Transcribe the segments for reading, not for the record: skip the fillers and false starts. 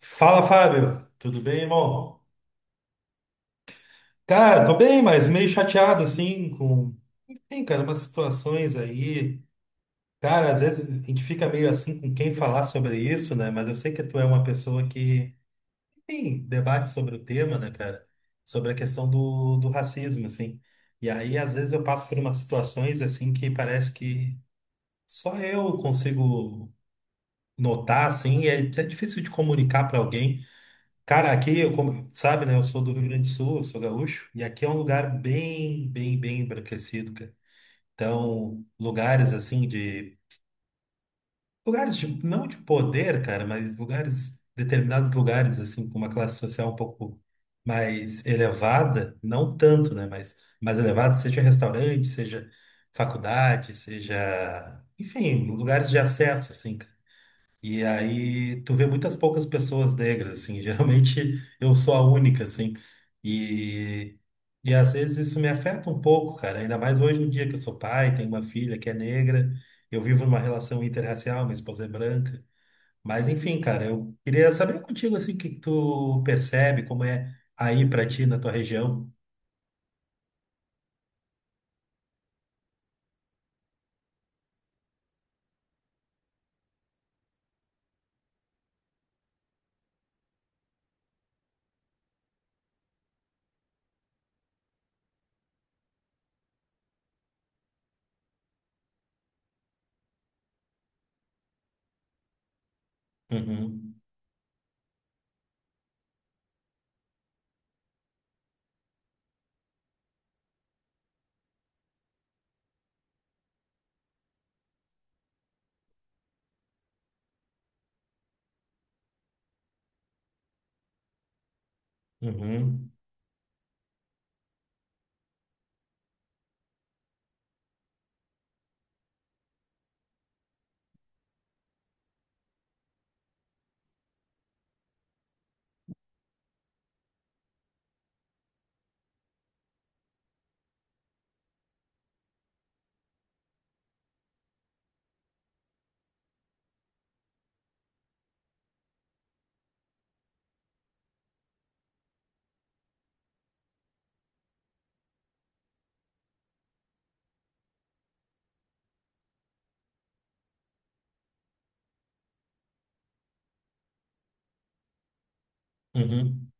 Fala, Fábio. Tudo bem, irmão? Cara, tô bem, mas meio chateado, assim, com... Enfim, cara, umas situações aí. Cara, às vezes a gente fica meio assim com quem falar sobre isso, né? Mas eu sei que tu é uma pessoa que, enfim, debate sobre o tema, né, cara? Sobre a questão do racismo, assim. E aí, às vezes, eu passo por umas situações, assim, que parece que só eu consigo notar, assim, e é difícil de comunicar pra alguém. Cara, aqui, eu como sabe, né? Eu sou do Rio Grande do Sul, eu sou gaúcho, e aqui é um lugar bem, bem, bem embranquecido, cara. Então, lugares assim de. Lugares de, não de poder, cara, mas lugares, determinados lugares, assim, com uma classe social um pouco mais elevada, não tanto, né? Mas mais elevada, seja restaurante, seja faculdade, seja. Enfim, lugares de acesso, assim, cara. E aí tu vê muitas poucas pessoas negras, assim, geralmente eu sou a única, assim, e, e às vezes isso me afeta um pouco, cara, ainda mais hoje no dia que eu sou pai, tenho uma filha que é negra, eu vivo numa relação interracial, minha esposa é branca, mas enfim, cara, eu queria saber contigo, assim, o que que tu percebe, como é aí pra ti, na tua região. Uhum, uhum, uhum.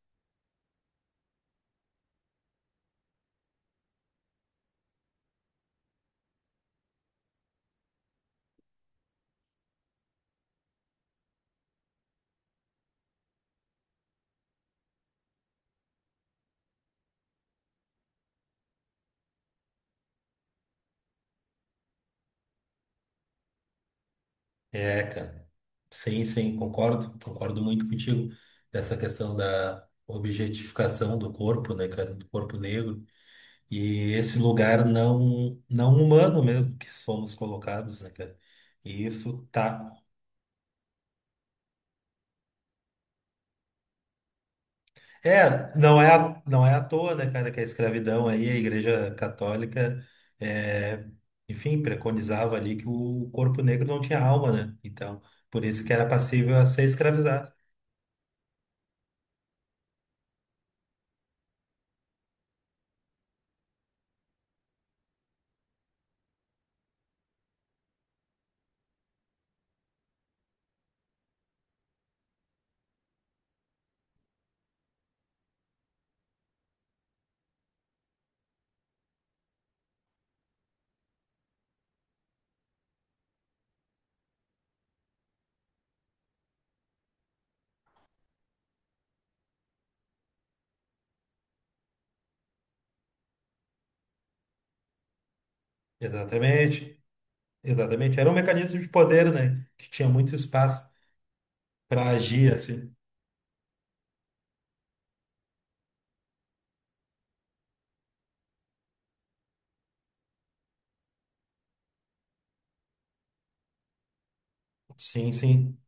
É, cara. Sim, sim, concordo, concordo muito contigo dessa questão da objetificação do corpo, né, cara, do corpo negro e esse lugar não humano mesmo que somos colocados, né, cara? E isso tá É, não é à- não é à toa, né, cara, que a escravidão aí, a Igreja Católica é, enfim, preconizava ali que o corpo negro não tinha alma, né? Então, por isso que era passível a ser escravizado. Exatamente. Exatamente, era um mecanismo de poder, né? Que tinha muito espaço para agir, assim. Sim, sim.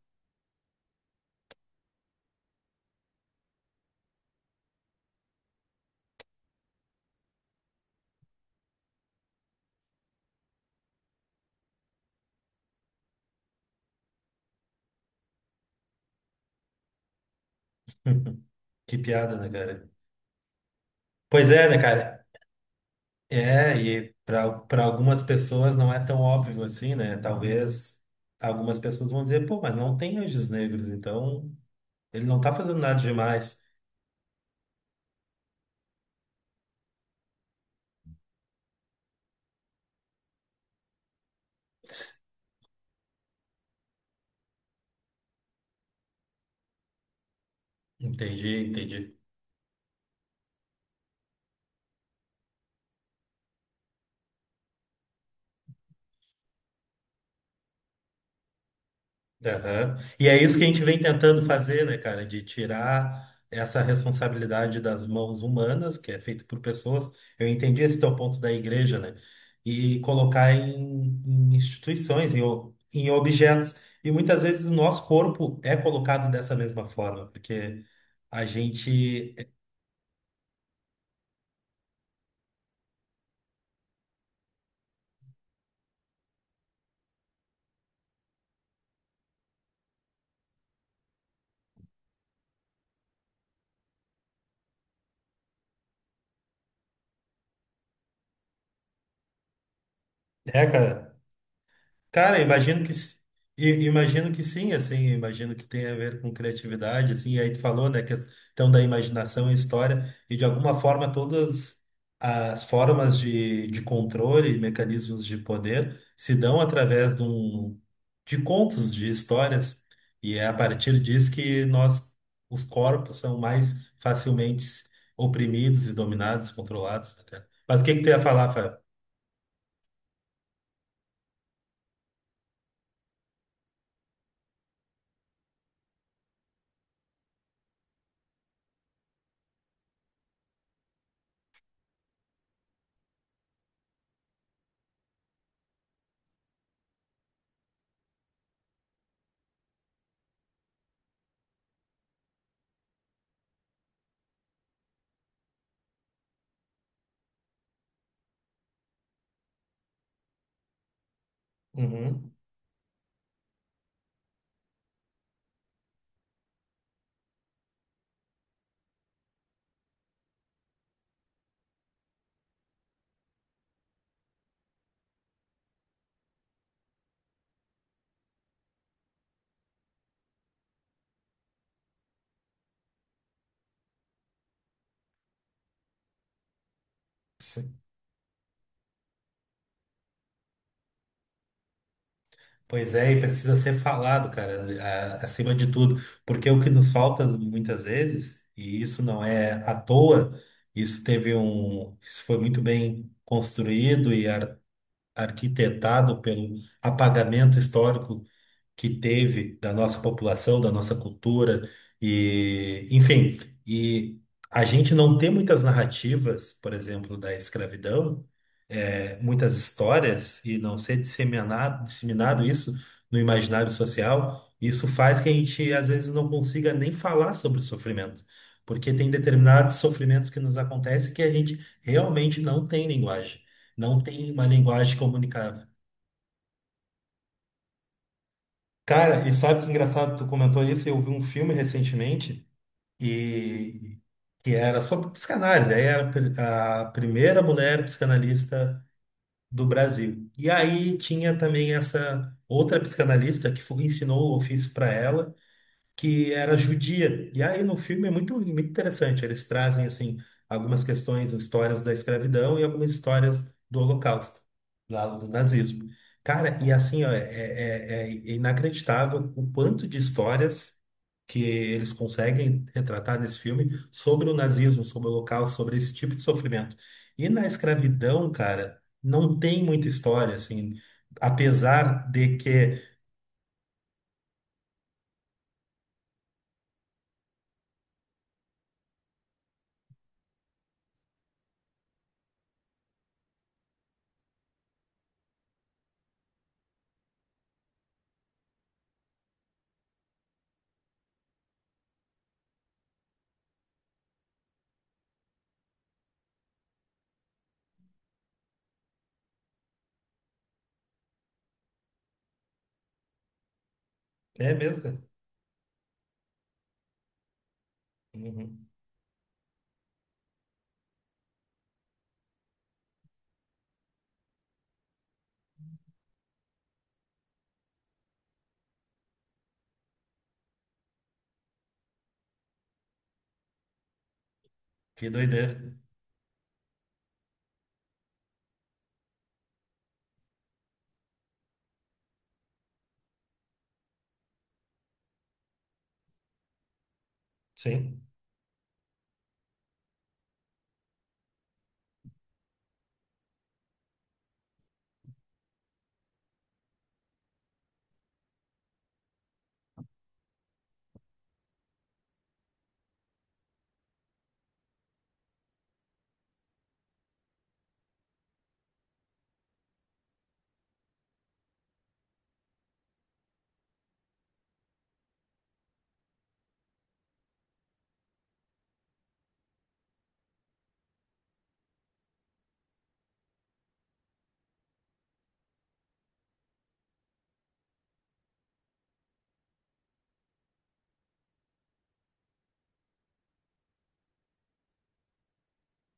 Que piada, né, cara? Pois é, né, cara? É, e para algumas pessoas não é tão óbvio assim, né? Talvez algumas pessoas vão dizer, pô, mas não tem anjos negros, então ele não tá fazendo nada demais. Entendi, entendi. Aham. E é isso que a gente vem tentando fazer, né, cara? De tirar essa responsabilidade das mãos humanas, que é feito por pessoas. Eu entendi esse teu ponto da igreja, né? E colocar em, em instituições, em, o- em objetos. E muitas vezes o nosso corpo é colocado dessa mesma forma, porque a gente. É, cara. Cara, imagino que s- i- imagino que sim, assim, imagino que tem a ver com criatividade, assim, e aí tu falou, né, questão da imaginação e história, e de alguma forma todas as formas de controle e mecanismos de poder se dão através de, um, de contos, de histórias, e é a partir disso que nós, os corpos, são mais facilmente oprimidos e dominados, controlados, né, cara? Mas o que que tu ia falar, Fábio? Uhum. Pois é, e precisa ser falado, cara, a- acima de tudo, porque o que nos falta muitas vezes, e isso não é à toa, isso teve um, isso foi muito bem construído e ar- arquitetado pelo apagamento histórico que teve da nossa população, da nossa cultura e, enfim, e a gente não tem muitas narrativas, por exemplo, da escravidão, é, muitas histórias e não ser disseminado, disseminado isso no imaginário social, isso faz que a gente às vezes não consiga nem falar sobre o sofrimento, porque tem determinados sofrimentos que nos acontecem que a gente realmente não tem linguagem, não tem uma linguagem comunicável. Cara, e sabe que engraçado, tu comentou isso, eu vi um filme recentemente e que era sobre psicanálise, aí era a pri- a primeira mulher psicanalista do Brasil. E aí tinha também essa outra psicanalista que foi- ensinou o ofício para ela que era judia. E aí no filme é muito, muito interessante. Eles trazem assim algumas questões, histórias da escravidão e algumas histórias do Holocausto, lá do nazismo. Cara, e assim ó, é, é inacreditável o quanto de histórias que eles conseguem retratar nesse filme sobre o nazismo, sobre o Holocausto, sobre esse tipo de sofrimento. E na escravidão, cara, não tem muita história assim, apesar de que é mesmo, cara? Uhum. Que doideira. Sim,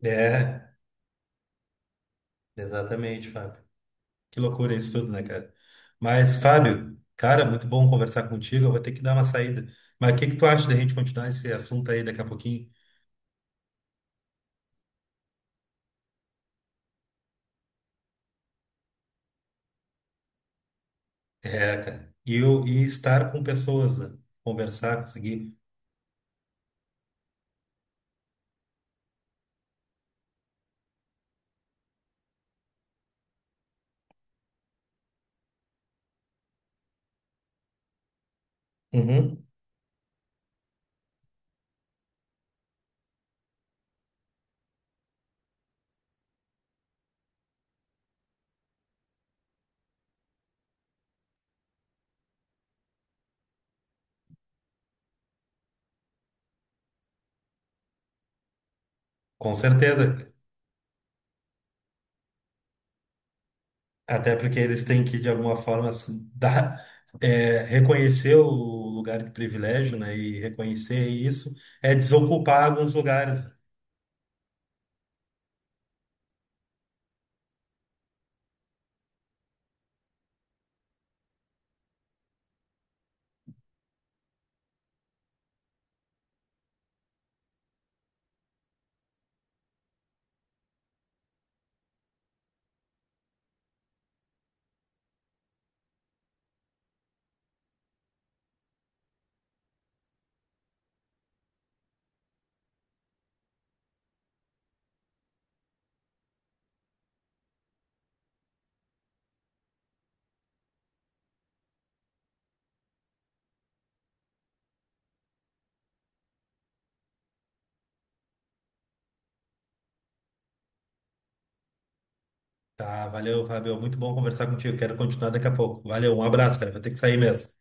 é, exatamente, Fábio. Que loucura isso tudo, né, cara? Mas, Fábio, cara, muito bom conversar contigo. Eu vou ter que dar uma saída. Mas o que que tu acha da gente continuar esse assunto aí daqui a pouquinho? É, cara. E eu e estar com pessoas, né? Conversar, conseguir. Uhum. Com certeza. Até porque eles têm que, de alguma forma, se dar, é, reconhecer o lugar de privilégio, né? E reconhecer isso é desocupar alguns lugares. Tá, valeu, Fábio. Muito bom conversar contigo. Quero continuar daqui a pouco. Valeu, um abraço, cara. Vou ter que sair mesmo.